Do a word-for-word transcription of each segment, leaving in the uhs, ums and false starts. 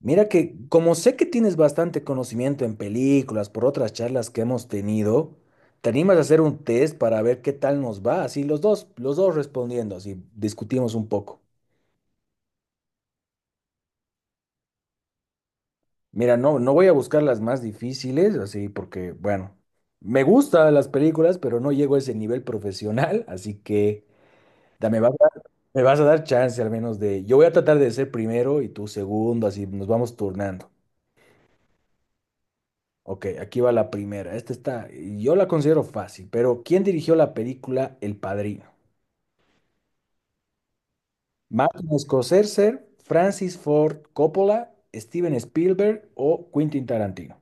Mira que como sé que tienes bastante conocimiento en películas por otras charlas que hemos tenido, ¿te animas a hacer un test para ver qué tal nos va? Así los dos, los dos respondiendo, así discutimos un poco. Mira, no, no voy a buscar las más difíciles, así porque, bueno, me gustan las películas, pero no llego a ese nivel profesional, así que da- me vas a dar, me vas a dar chance al menos de... Yo voy a tratar de ser primero y tú segundo, así nos vamos turnando. Ok, aquí va la primera. Esta está, yo la considero fácil, pero ¿quién dirigió la película El Padrino? ¿Martin Scorsese, Francis Ford Coppola, Steven Spielberg o Quentin Tarantino?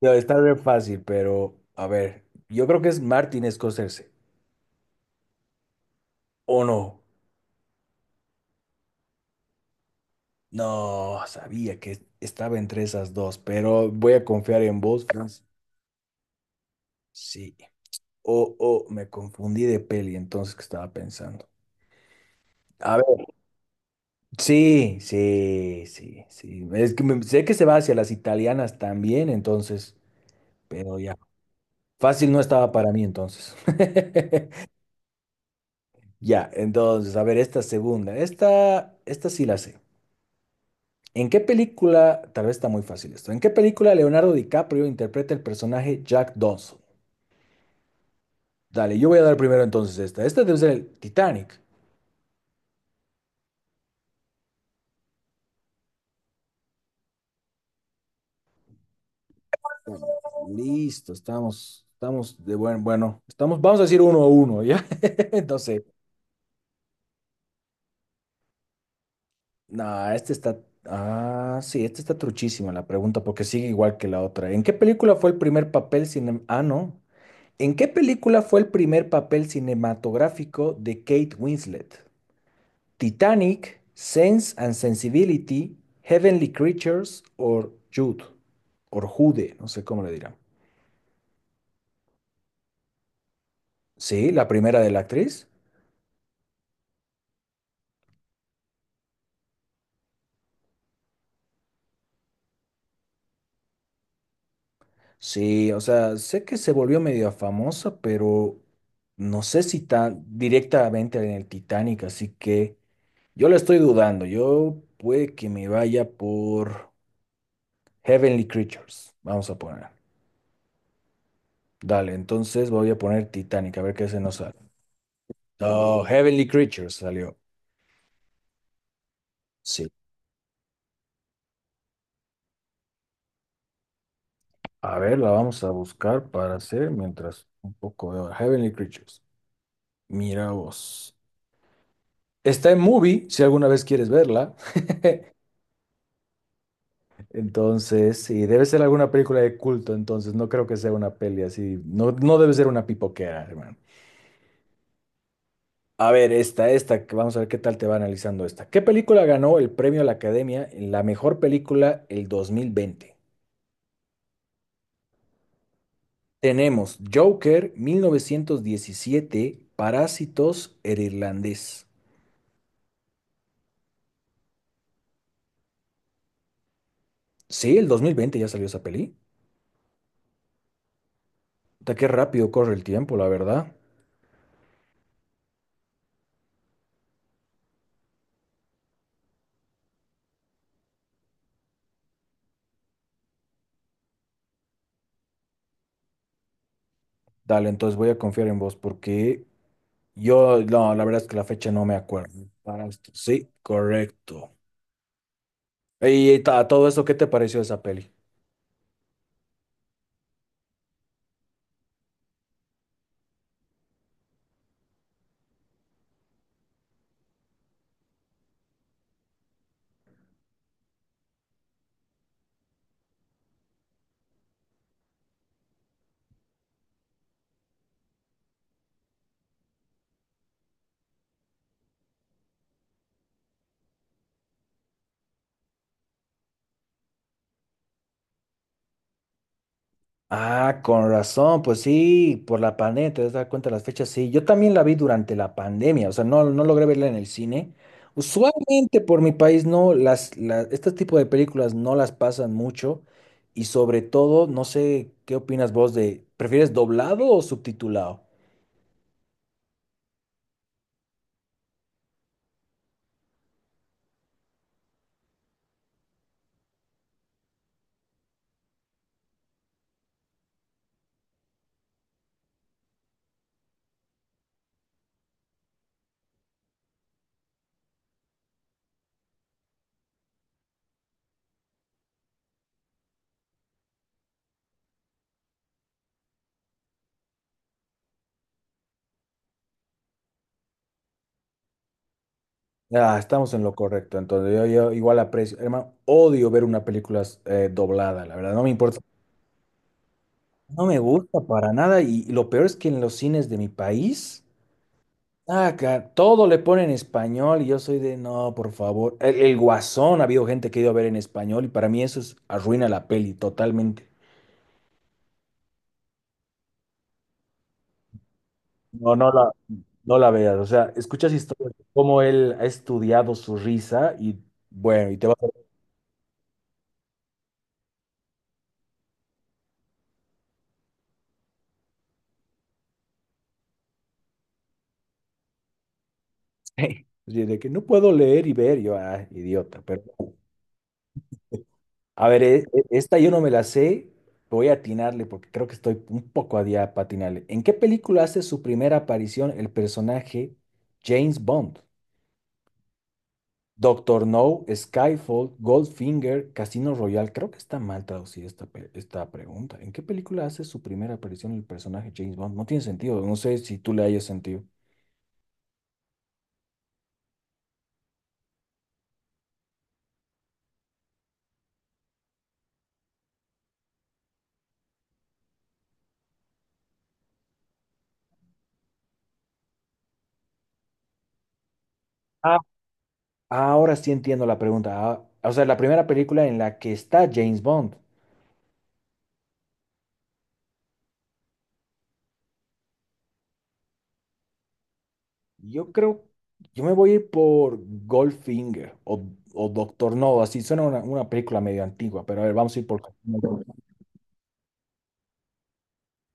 Debe estar bien fácil, pero a ver, yo creo que es Martin Scorsese. ¿O no? No, sabía que estaba entre esas dos, pero voy a confiar en vos, Francis. Sí. O o me confundí de peli entonces que estaba pensando. A ver. Sí, sí, sí, sí. Es que me- sé que se va hacia las italianas también, entonces, pero ya. Fácil no estaba para mí entonces. Ya, entonces, a ver, esta segunda. Esta, esta sí la sé. ¿En qué película, tal vez está muy fácil esto, ¿en qué película Leonardo DiCaprio interpreta el personaje Jack Dawson? Dale, yo voy a dar primero entonces esta. Esta debe ser el Titanic. Bueno, listo, estamos, estamos de buen, bueno, estamos, vamos a decir uno a uno, ¿ya? No sé. No, este está. Ah, sí, este está truchísima la pregunta porque sigue igual que la otra. ¿En qué película fue el primer papel cine... Ah, no. ¿En qué película fue el primer papel cinematográfico de Kate Winslet? ¿Titanic, Sense and Sensibility, Heavenly Creatures o Jude? O Jude, no sé cómo le dirán. Sí, la primera de la actriz. Sí, o sea, sé que se volvió medio famosa, pero no sé si tan directamente en el Titanic, así que. Yo la estoy dudando. Yo puede que me vaya por Heavenly Creatures. Vamos a poner. Dale, entonces voy a poner Titanic, a ver qué se nos sale. No, Heavenly Creatures salió. Sí. A ver, la vamos a buscar para hacer mientras un poco de Heavenly Creatures. Mira vos. Está en Movie, si alguna vez quieres verla. Entonces, sí, debe ser alguna película de culto, entonces no creo que sea una peli así. No, no debe ser una pipoquera, hermano. A ver, esta, esta, que vamos a ver qué tal te va analizando esta. ¿Qué película ganó el premio a la Academia en la mejor película el dos mil veinte? Tenemos Joker, mil novecientos diecisiete, Parásitos, El Irlandés. Sí, el dos mil veinte ya salió esa peli. Puta, qué rápido corre el tiempo, la verdad. Dale, entonces voy a confiar en vos porque yo, no, la verdad es que la fecha no me acuerdo. Parásitos, sí, correcto. Y ta- todo eso, ¿qué te pareció esa peli? Ah, con razón, pues sí, por la pandemia, te das da cuenta de las fechas, sí. Yo también la vi durante la pandemia, o sea, no, no logré verla en el cine. Usualmente por mi país no, las, las, este tipo de películas no las pasan mucho y sobre todo, no sé, ¿qué opinas vos de, prefieres doblado o subtitulado? Ah, estamos en lo correcto, entonces yo, yo igual aprecio, hermano, odio ver una película eh, doblada, la verdad, no me importa, no me gusta para nada y, y lo peor es que en los cines de mi país... Ah, ca- todo le ponen en español y yo soy de, no, por favor. El, el Guasón, ha habido gente que ha ido a ver en español y para mí eso es, arruina la peli totalmente. No, no la, no la veas. O sea, escuchas historias de cómo él ha estudiado su risa y bueno, y te vas a decir de que no puedo leer y ver. Yo, ah, idiota. Pero, a ver, e- e- esta yo no me la sé. Voy a atinarle porque creo que estoy un poco a día para atinarle. ¿En qué película hace su primera aparición el personaje James Bond? Doctor No, Skyfall, Goldfinger, Casino Royale. Creo que está mal traducida esta, pe- esta pregunta. ¿En qué película hace su primera aparición el personaje James Bond? No tiene sentido. No sé si tú le hayas sentido. Ah, ahora sí entiendo la pregunta. Ah, o sea, la primera película en la que está James Bond. Yo creo, yo me voy a ir por Goldfinger o, o Doctor No. Así suena una, una película medio antigua, pero a ver, vamos a ir por Casino Royale.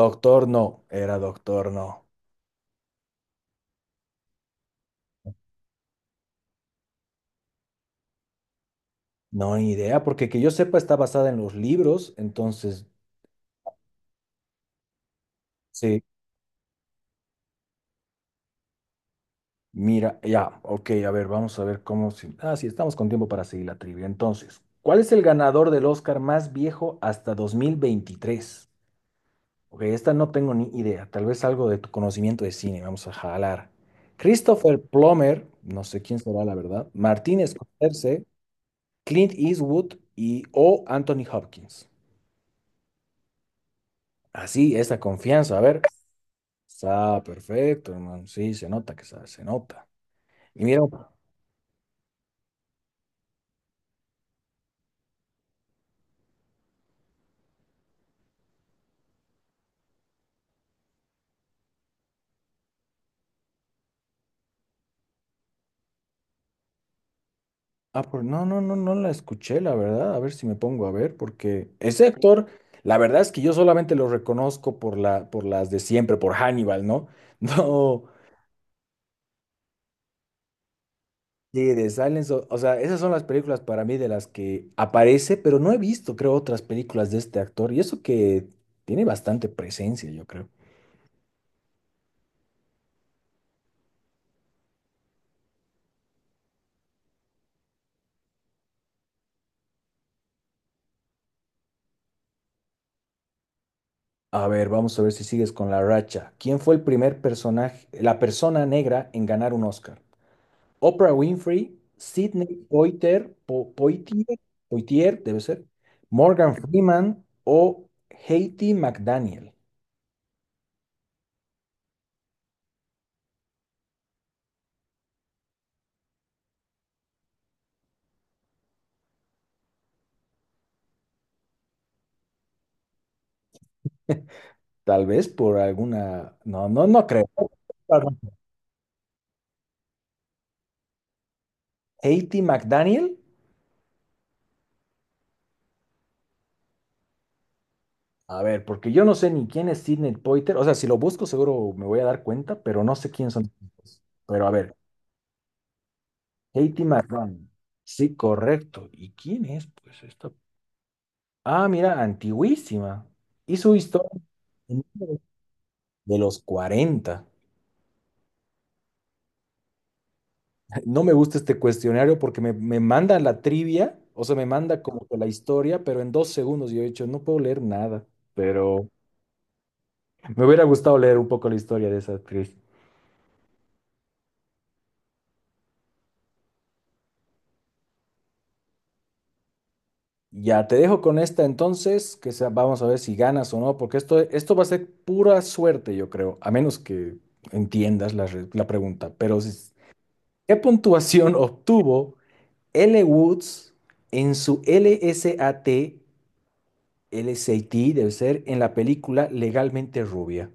Doctor No. Era Doctor No. No, ni idea, porque que yo sepa está basada en los libros, entonces, sí, mira, ya, ok, a ver, vamos a ver cómo... se- Ah, sí, estamos con tiempo para seguir la trivia. Entonces, ¿cuál es el ganador del Oscar más viejo hasta dos mil veintitrés? Ok, esta no tengo ni idea, tal vez algo de tu conocimiento de cine, vamos a jalar. Christopher Plummer, no sé quién será la verdad, Martin Scorsese, Clint Eastwood y o Anthony Hopkins. Así, esa confianza, a ver. Está perfecto, hermano. Sí, se nota que sabe, se nota. Y mira, ah, por- no, no, no, no la escuché, la verdad. A ver si me pongo a ver, porque ese actor, la verdad es que yo solamente lo reconozco por la, por las de siempre, por Hannibal, ¿no? No, sí, de Silence, o, o sea, esas son las películas para mí de las que aparece, pero no he visto, creo, otras películas de este actor. Y eso que tiene bastante presencia, yo creo. A ver, vamos a ver si sigues con la racha. ¿Quién fue el primer personaje, la persona negra en ganar un Oscar? Oprah Winfrey, Sidney Poitier, Po- Poitier, Poitier, debe ser, Morgan Freeman o Haiti McDaniel. Tal vez por alguna... No, no, no creo. Haiti McDaniel. A ver, porque yo no sé ni quién es Sidney Poitier. O sea, si lo busco seguro me voy a dar cuenta, pero no sé quién son estos. Pero a ver, Haiti McDaniel. Sí, correcto. ¿Y quién es? Pues esta... Ah, mira, antiguísima. Hizo historia. De los cuarenta. No me gusta este cuestionario porque me, me manda la trivia, o sea, me manda como que la historia, pero en dos segundos yo he dicho, no puedo leer nada, pero me hubiera gustado leer un poco la historia de esa actriz. Ya, te dejo con esta entonces, que sea- vamos a ver si ganas o no, porque esto, esto va a ser pura suerte, yo creo, a menos que entiendas la, re- la pregunta. Pero, si- ¿qué puntuación obtuvo L. Woods en su L S A T? L S A T debe ser en la película Legalmente Rubia.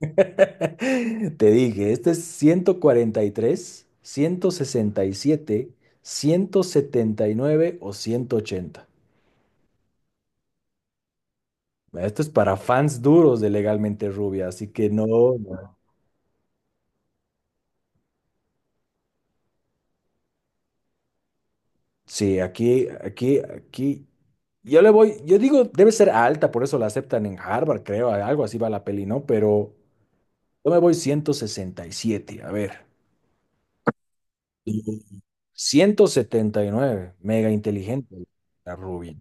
Te dije, este es ciento ciento ciento cuarenta y y tres, ciento sesenta y siete, ciento setenta y nueve o ciento ochenta. Esto es para fans duros de Legalmente Rubia, así que no. No. Sí, aquí, aquí, aquí. Yo le voy, yo digo, debe ser alta, por eso la aceptan en Harvard, creo, algo así va la peli, ¿no? Pero yo me voy ciento sesenta y siete. A ver. Ciento setenta y nueve mega inteligente la rubia.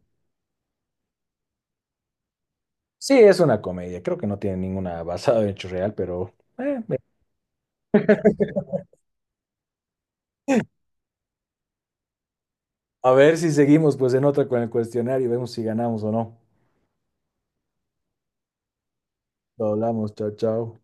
Sí, es una comedia, creo que no tiene ninguna basada en hecho real, pero eh, ve- a ver si seguimos pues en otra con el cuestionario y vemos si ganamos o no. Lo hablamos, chao, chao.